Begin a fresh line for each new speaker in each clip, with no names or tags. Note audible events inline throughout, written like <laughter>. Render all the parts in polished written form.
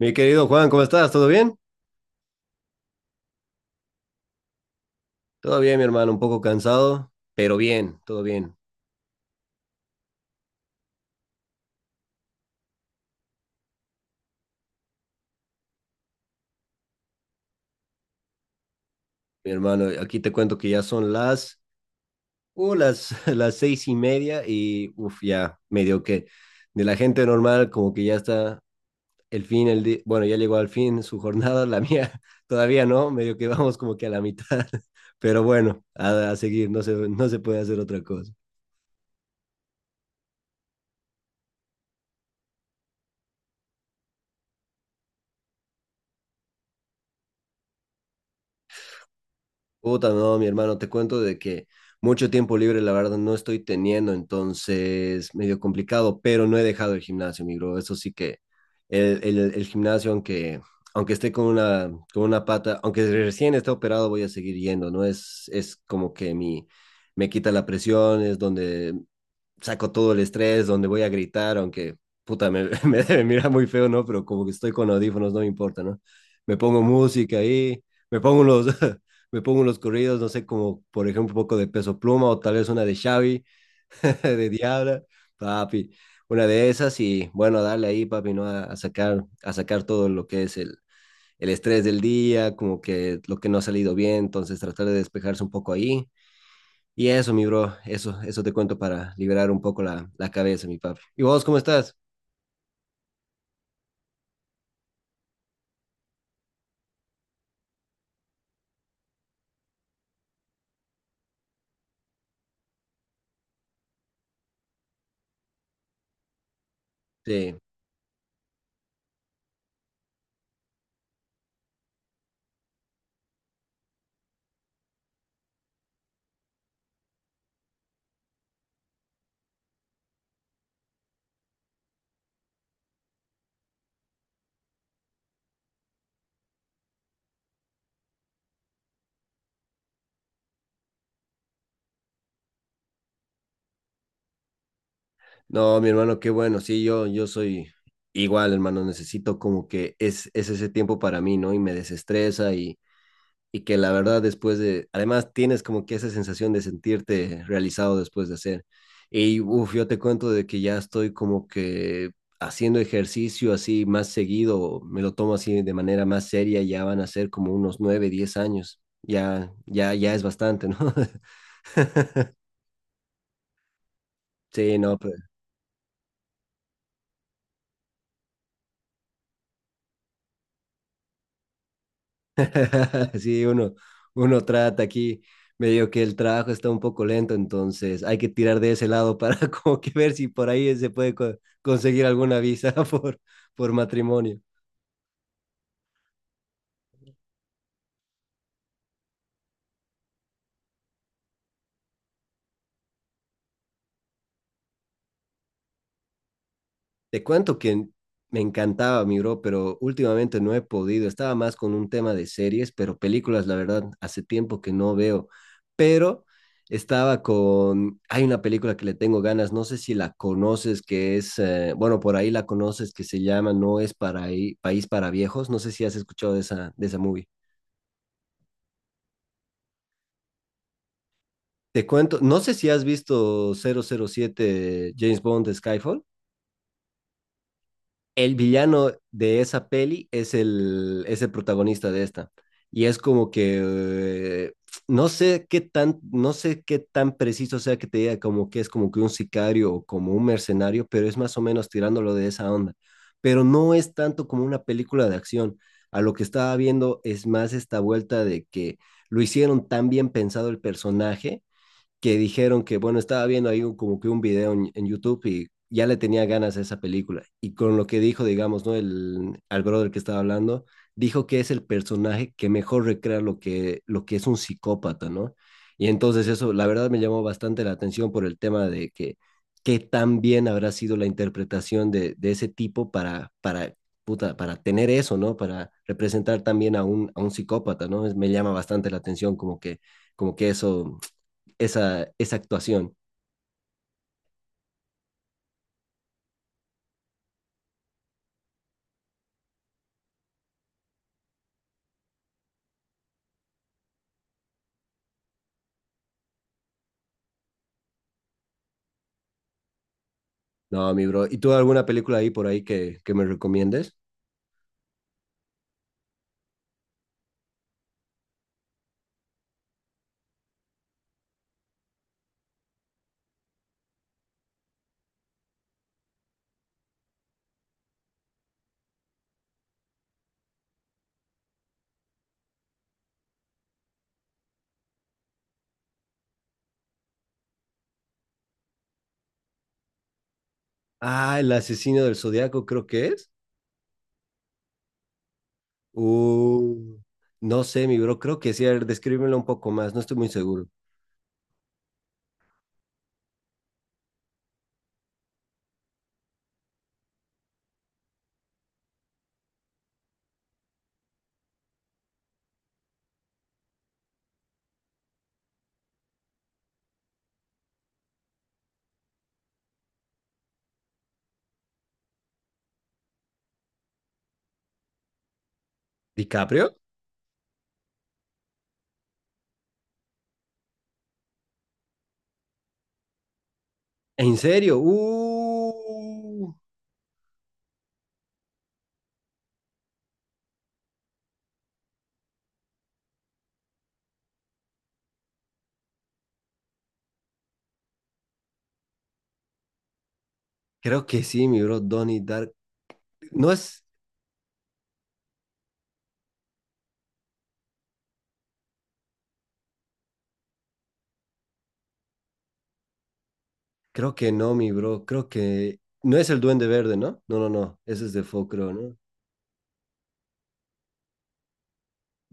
Mi querido Juan, ¿cómo estás? ¿Todo bien? Todo bien, mi hermano, un poco cansado, pero bien, todo bien, mi hermano. Aquí te cuento que ya son <laughs> las 6:30 y uff, ya medio que de la gente normal como que ya está el fin, bueno, ya llegó al fin su jornada, la mía <laughs> todavía no, medio que vamos como que a la mitad, <laughs> pero bueno, a seguir, no se puede hacer otra cosa. Puta, no, mi hermano, te cuento de que mucho tiempo libre, la verdad, no estoy teniendo, entonces medio complicado, pero no he dejado el gimnasio, mi bro. Eso sí que el gimnasio, aunque esté con una pata, aunque recién esté operado, voy a seguir yendo, ¿no? Es como que me quita la presión, es donde saco todo el estrés, donde voy a gritar, aunque puta, <laughs> me debe mirar muy feo, ¿no? Pero como que estoy con audífonos, no me importa, ¿no? Me pongo música ahí, me pongo los, <laughs> me pongo los corridos, no sé, como por ejemplo un poco de Peso Pluma o tal vez una de Xavi, <laughs> de Diabla, papi, una de esas y bueno, darle ahí, papi, ¿no? A sacar todo lo que es el estrés del día, como que lo que no ha salido bien, entonces tratar de despejarse un poco ahí y eso, mi bro, eso te cuento para liberar un poco la cabeza, mi papi. ¿Y vos cómo estás? Sí. No, mi hermano, qué bueno. Sí, yo soy igual, hermano. Necesito como que es ese tiempo para mí, ¿no? Y me desestresa y que la verdad después de, además tienes como que esa sensación de sentirte realizado después de hacer. Y uff, yo te cuento de que ya estoy como que haciendo ejercicio así más seguido, me lo tomo así de manera más seria, ya van a ser como unos 9, 10 años. Ya, ya, ya es bastante, ¿no? <laughs> Sí, no, <laughs> Sí, uno trata aquí, medio que el trabajo está un poco lento, entonces hay que tirar de ese lado para <laughs> como que ver si por ahí se puede conseguir alguna visa <laughs> por matrimonio. Te cuento que me encantaba, mi bro, pero últimamente no he podido. Estaba más con un tema de series, pero películas, la verdad, hace tiempo que no veo. Pero estaba con... Hay una película que le tengo ganas, no sé si la conoces, que es, bueno, por ahí la conoces, que se llama No es para ahí, País para Viejos. No sé si has escuchado de esa, movie. Te cuento, no sé si has visto 007 James Bond de Skyfall. El villano de esa peli es el, protagonista de esta. Y es como que eh, no sé qué tan preciso sea que te diga como que es como que un sicario o como un mercenario, pero es más o menos tirándolo de esa onda. Pero no es tanto como una película de acción. A lo que estaba viendo es más esta vuelta de que lo hicieron tan bien pensado el personaje que dijeron que, bueno, estaba viendo ahí como que un video en, YouTube y ya le tenía ganas a esa película. Y con lo que dijo, digamos, ¿no? Al brother que estaba hablando, dijo que es el personaje que mejor recrea lo que es un psicópata, ¿no? Y entonces eso, la verdad, me llamó bastante la atención por el tema de que qué tan bien habrá sido la interpretación de ese tipo para, puta, para tener eso, ¿no? Para representar también a un, psicópata, ¿no? Me llama bastante la atención como que esa actuación. No, mi bro. ¿Y tú alguna película ahí por ahí que me recomiendes? Ah, El asesino del Zodiaco creo que es. Uh, no sé, mi bro, creo que sí. A ver, descríbemelo un poco más, no estoy muy seguro. ¿DiCaprio? ¿En serio? Creo que sí, mi bro, Donnie Dark. No es, creo que no, mi bro, creo que no es el Duende Verde, ¿no? No, no, no, ese es de Fo, creo, ¿no?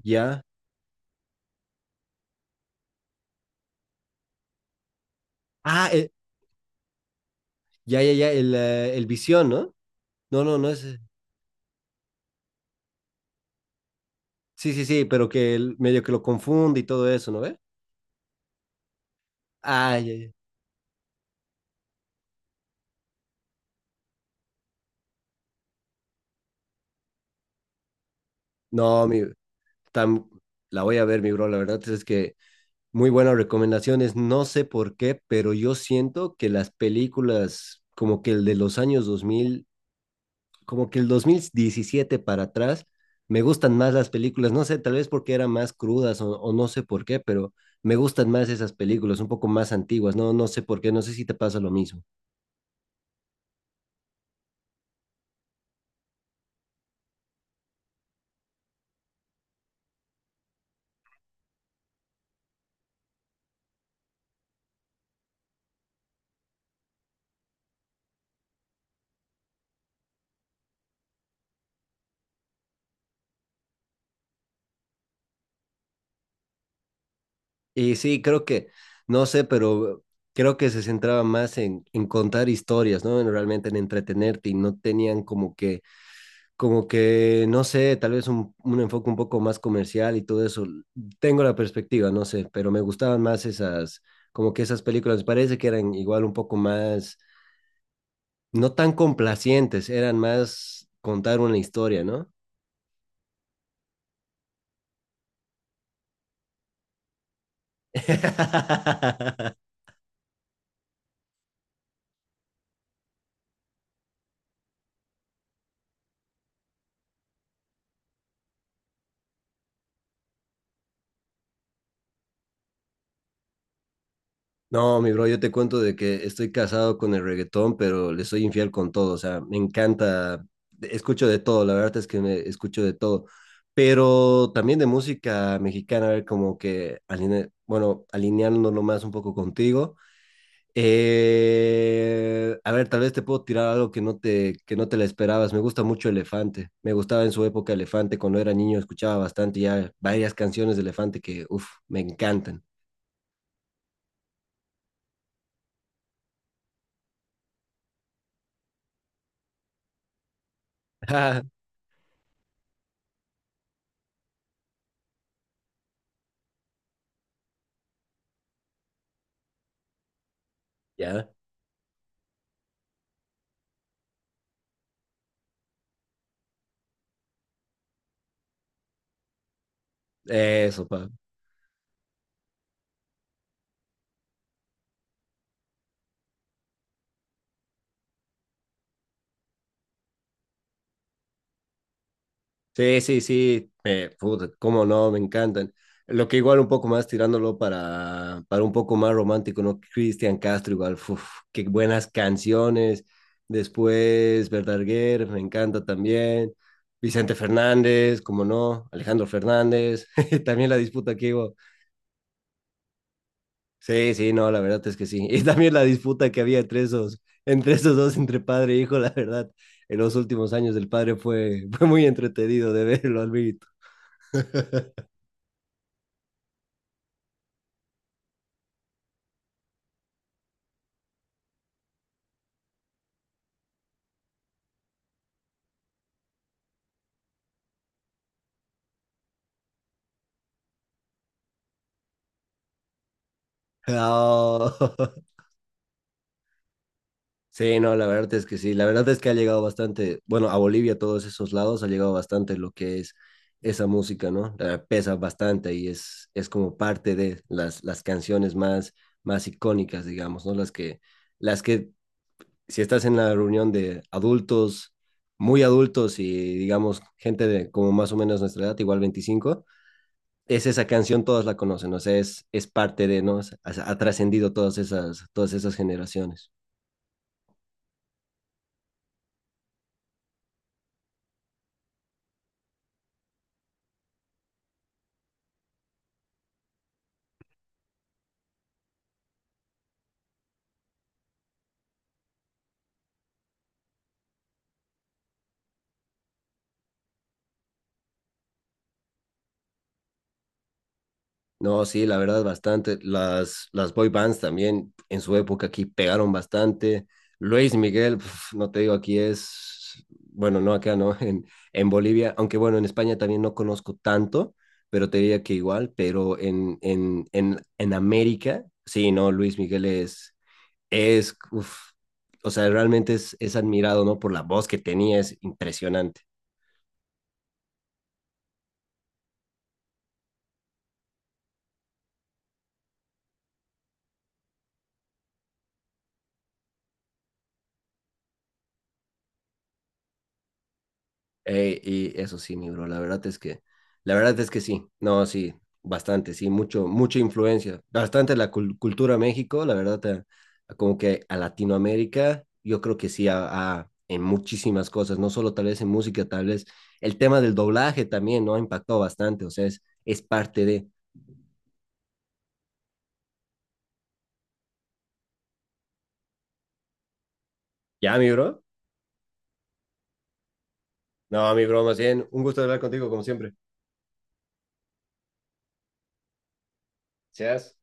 Ya. Ah, ya, ya, ya, el Visión, ¿no? No, no, no es. Sí, sí, sí, pero que el medio que lo confunde y todo eso, ¿no ve? Ay, ay, ay. No, tam- la voy a ver, mi bro, la verdad es que muy buenas recomendaciones, no sé por qué, pero yo siento que las películas como que el de los años 2000, como que el 2017 para atrás, me gustan más las películas, no sé, tal vez porque eran más crudas o no sé por qué, pero me gustan más esas películas, un poco más antiguas, no sé por qué, no sé si te pasa lo mismo. Y sí, creo que, no sé, pero creo que se centraba más en, contar historias, ¿no? En realmente en entretenerte y no tenían como que, no sé, tal vez un enfoque un poco más comercial y todo eso. Tengo la perspectiva, no sé, pero me gustaban más esas, como que esas películas, me parece que eran igual un poco más, no tan complacientes, eran más contar una historia, ¿no? <laughs> No, mi bro, yo te cuento de que estoy casado con el reggaetón, pero le soy infiel con todo. O sea, me encanta, escucho de todo, la verdad es que me escucho de todo. Pero también de música mexicana, a ver, como que, bueno, alineándolo más un poco contigo. A ver, tal vez te puedo tirar algo que no te la esperabas. Me gusta mucho Elefante. Me gustaba en su época Elefante. Cuando era niño escuchaba bastante ya varias canciones de Elefante que, uff, me encantan. <laughs> Ah, ya, eso, pa. Sí, sí, sí, puta, cómo no, me encantan. Lo que igual un poco más tirándolo para, un poco más romántico, ¿no? Cristian Castro igual, uf, qué buenas canciones. Después Verdaguer, me encanta también. Vicente Fernández, como no, Alejandro Fernández, <laughs> también la disputa que hubo. Sí, sí, no, la verdad es que sí. <laughs> Y también la disputa que había entre esos dos, entre padre e hijo, la verdad, en los últimos años del padre fue, <laughs> fue muy entretenido de verlo al mí No. <laughs> Sí, no, la verdad es que sí. La verdad es que ha llegado bastante, bueno, a Bolivia, a todos esos lados, ha llegado bastante lo que es esa música, ¿no? Pesa bastante y es como parte de las canciones más, icónicas, digamos, ¿no? Las que, si estás en la reunión de adultos, muy adultos y, digamos, gente de como más o menos nuestra edad, igual 25, es esa canción, todos la conocen, o sea, es parte de, ¿no? O sea, ha trascendido todas esas, generaciones. No, sí, la verdad, bastante. Las boy bands también en su época aquí pegaron bastante. Luis Miguel, pf, no te digo, aquí es, bueno, no acá, ¿no? <laughs> En Bolivia, aunque bueno, en España también no conozco tanto, pero te diría que igual, pero en, América, sí, no, Luis Miguel es, uf, o sea, realmente es admirado, ¿no? Por la voz que tenía, es impresionante. Y eso sí, mi bro, la verdad es que, la verdad es que sí, no, sí, bastante, sí, mucho, mucha influencia, bastante la cultura México, la verdad, como que a Latinoamérica, yo creo que sí, en muchísimas cosas, no solo tal vez en música, tal vez el tema del doblaje también, ¿no? Impactó bastante, o sea, es parte de... ¿Ya, mi bro? No, mi bro, más bien, un gusto hablar contigo como siempre. Gracias.